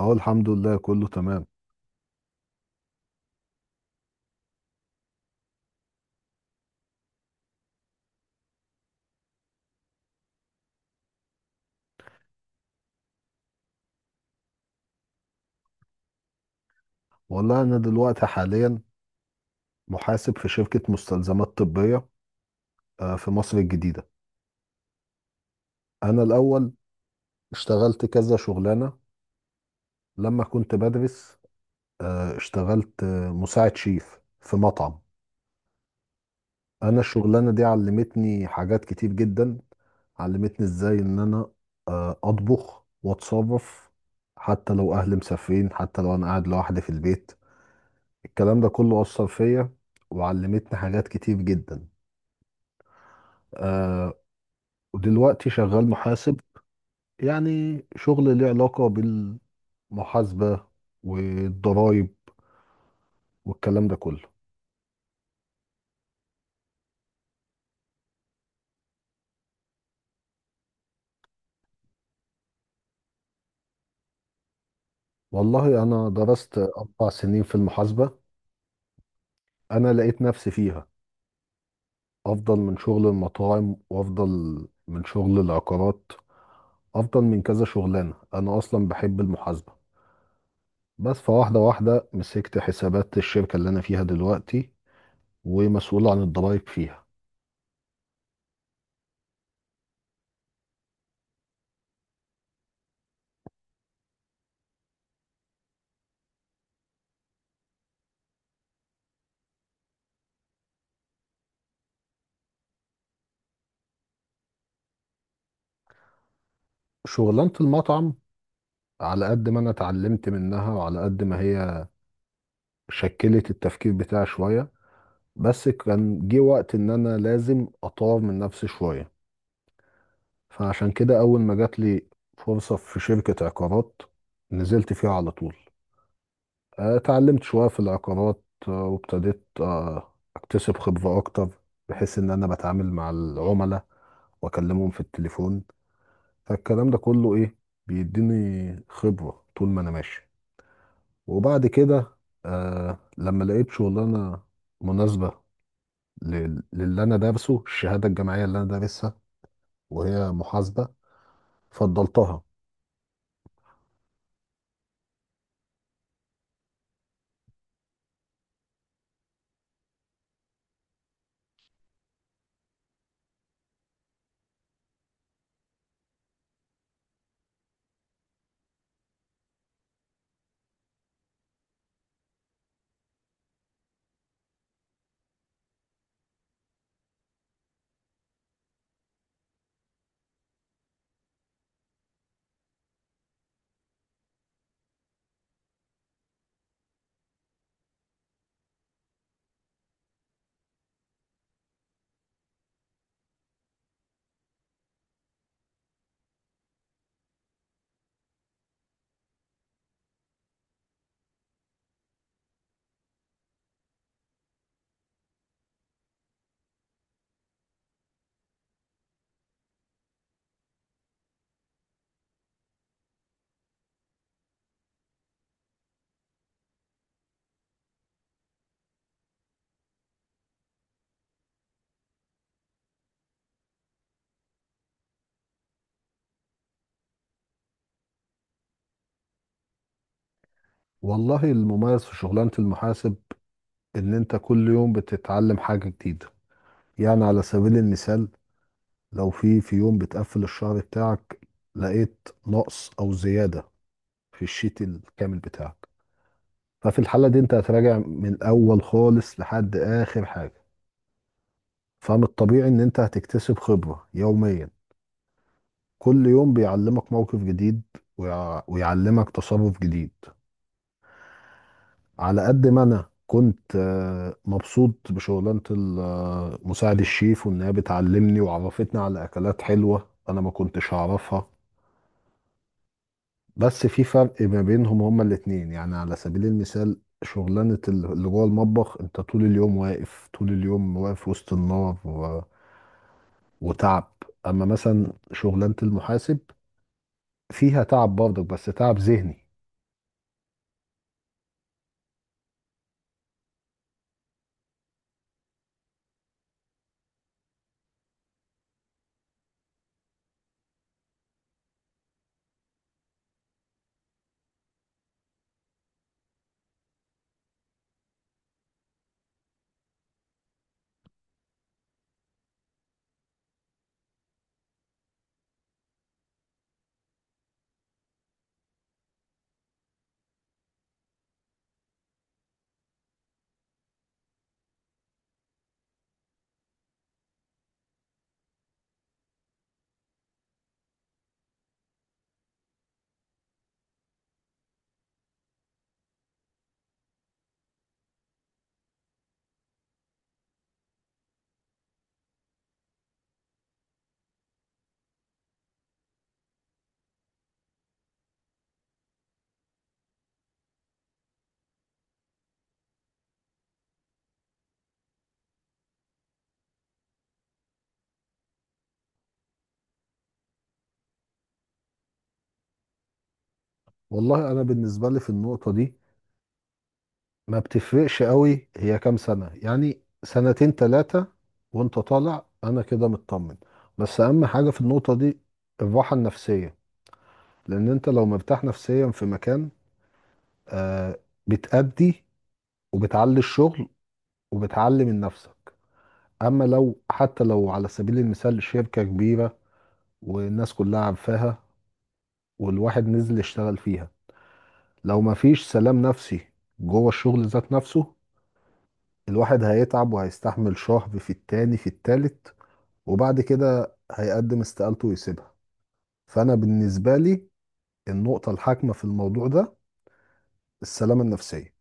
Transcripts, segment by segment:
اه الحمد لله كله تمام. والله انا دلوقتي حاليا محاسب في شركة مستلزمات طبية، في مصر الجديدة. انا الاول اشتغلت كذا شغلانة لما كنت بدرس. اشتغلت مساعد شيف في مطعم. انا الشغلانة دي علمتني حاجات كتير جدا، علمتني ازاي ان انا اطبخ واتصرف، حتى لو اهلي مسافرين، حتى لو انا قاعد لوحدي في البيت. الكلام ده كله اثر فيا وعلمتني حاجات كتير جدا. آه، ودلوقتي شغال محاسب، يعني شغل له علاقة بالمحاسبة والضرايب والكلام ده كله. والله أنا درست 4 سنين في المحاسبة. أنا لقيت نفسي فيها، أفضل من شغل المطاعم، وأفضل من شغل العقارات، أفضل من كذا شغلانة. أنا أصلا بحب المحاسبة، بس فواحدة واحدة مسكت حسابات الشركة اللي أنا فيها دلوقتي ومسؤول عن الضرايب فيها. شغلانة المطعم، على قد ما انا اتعلمت منها وعلى قد ما هي شكلت التفكير بتاعي شوية، بس كان جه وقت ان انا لازم اطور من نفسي شوية. فعشان كده اول ما جات لي فرصة في شركة عقارات نزلت فيها على طول. اتعلمت شوية في العقارات، وابتديت اكتسب خبرة اكتر، بحيث ان انا بتعامل مع العملاء واكلمهم في التليفون. فالكلام ده كله ايه، بيديني خبرة طول ما انا ماشي. وبعد كده لما لقيت شغلانة مناسبة للي أنا دارسه، الشهادة الجامعية اللي أنا دارسها وهي محاسبة، فضلتها. والله المميز في شغلانة المحاسب إن أنت كل يوم بتتعلم حاجة جديدة. يعني على سبيل المثال، لو في يوم بتقفل الشهر بتاعك لقيت نقص أو زيادة في الشيت الكامل بتاعك، ففي الحالة دي أنت هتراجع من الأول خالص لحد آخر حاجة. فمن الطبيعي ان انت هتكتسب خبرة يوميا، كل يوم بيعلمك موقف جديد ويعلمك تصرف جديد. على قد ما انا كنت مبسوط بشغلانة مساعد الشيف وانها بتعلمني وعرفتني على اكلات حلوة انا ما كنتش اعرفها، بس في فرق ما بينهم هما الاتنين. يعني على سبيل المثال، شغلانة اللي جوه المطبخ انت طول اليوم واقف طول اليوم واقف وسط النار وتعب. اما مثلا شغلانة المحاسب فيها تعب برضك، بس تعب ذهني. والله انا بالنسبه لي في النقطه دي، ما بتفرقش قوي هي كام سنه، يعني سنتين ثلاثه وانت طالع، انا كده مطمن. بس اهم حاجه في النقطه دي الراحه النفسيه، لان انت لو مرتاح نفسيا في مكان آه بتأدي وبتعلي الشغل وبتعلي من نفسك. اما لو، حتى لو على سبيل المثال شركه كبيره والناس كلها عارفاها والواحد نزل يشتغل فيها، لو ما فيش سلام نفسي جوه الشغل ذات نفسه، الواحد هيتعب وهيستحمل شهر في التاني في التالت وبعد كده هيقدم استقالته ويسيبها. فأنا بالنسبة لي النقطة الحاكمة في الموضوع ده السلامة النفسية.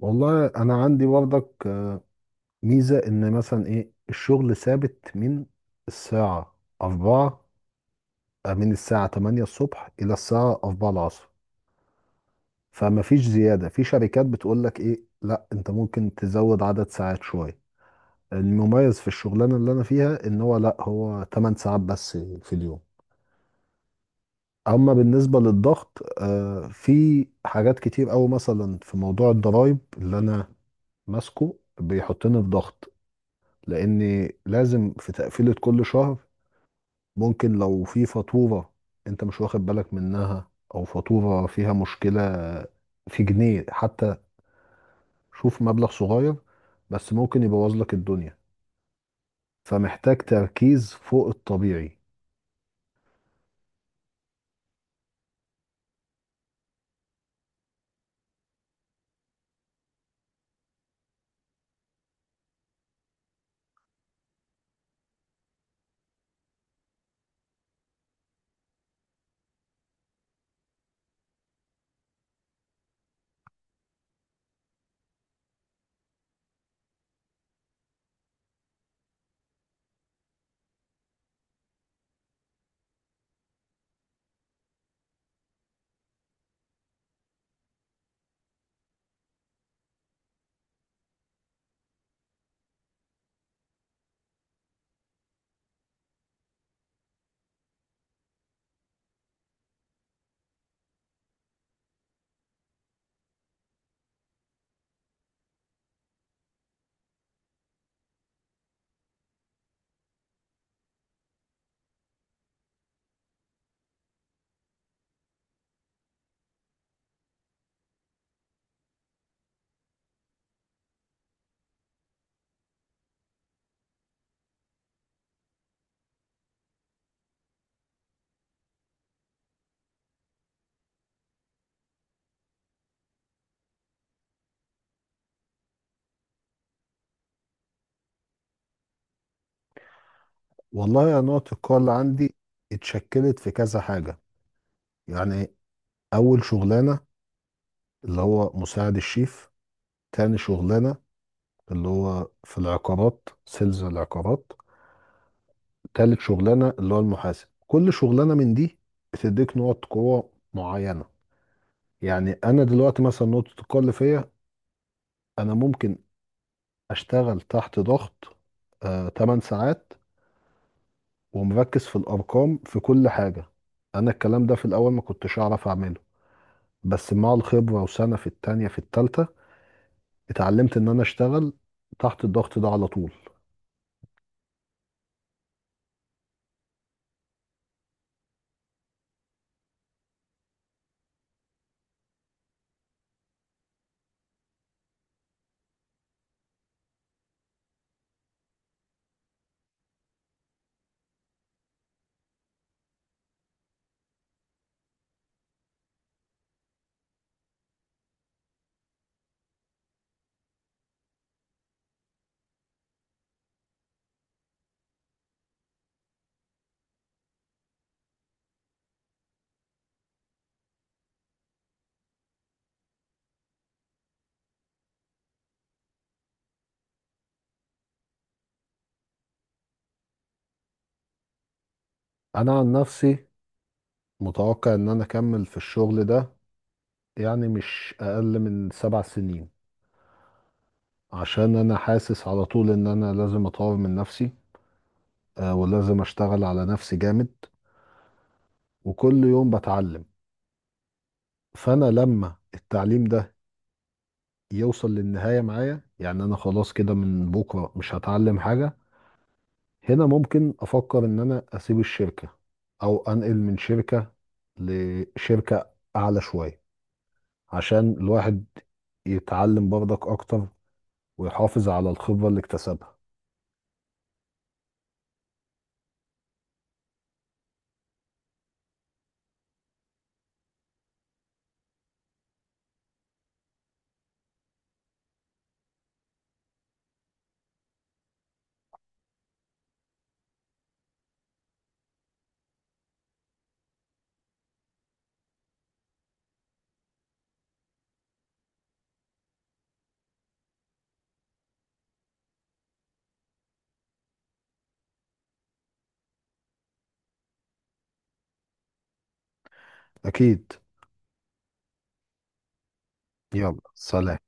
والله أنا عندي برضك ميزة، إن مثلا إيه الشغل ثابت الساعة أربعة من الساعة 8 الصبح إلى الساعة 4 العصر، فمفيش زيادة. في شركات بتقول لك إيه، لا أنت ممكن تزود عدد ساعات شوية، المميز في الشغلانه اللي انا فيها ان هو لا، هو 8 ساعات بس في اليوم. اما بالنسبه للضغط، في حاجات كتير قوي، مثلا في موضوع الضرايب اللي انا ماسكه بيحطني في ضغط، لاني لازم في تقفيله كل شهر. ممكن لو في فاتوره انت مش واخد بالك منها، او فاتوره فيها مشكله في جنيه حتى، شوف مبلغ صغير بس ممكن يبوظ لك الدنيا، فمحتاج تركيز فوق الطبيعي. والله أنا نقطة القوة اللي عندي اتشكلت في كذا حاجة. يعني أول شغلانة اللي هو مساعد الشيف، تاني شغلانة اللي هو في العقارات، سيلز العقارات، تالت شغلانة اللي هو المحاسب، كل شغلانة من دي بتديك نقط قوة معينة. يعني أنا دلوقتي مثلا نقطة القوة اللي فيا، أنا ممكن أشتغل تحت ضغط 8 ساعات ومركز في الأرقام في كل حاجة. أنا الكلام ده في الأول ما كنتش أعرف أعمله، بس مع الخبرة وسنة في التانية في التالتة اتعلمت ان انا اشتغل تحت الضغط ده على طول. انا عن نفسي متوقع ان انا اكمل في الشغل ده، يعني مش اقل من 7 سنين، عشان انا حاسس على طول ان انا لازم اطور من نفسي ولازم اشتغل على نفسي جامد وكل يوم بتعلم. فانا لما التعليم ده يوصل للنهاية معايا، يعني انا خلاص كده من بكرة مش هتعلم حاجة، هنا ممكن افكر ان انا اسيب الشركه او انقل من شركه لشركه اعلى شويه، عشان الواحد يتعلم برضك اكتر ويحافظ على الخبره اللي اكتسبها. اكيد. يلا سلام.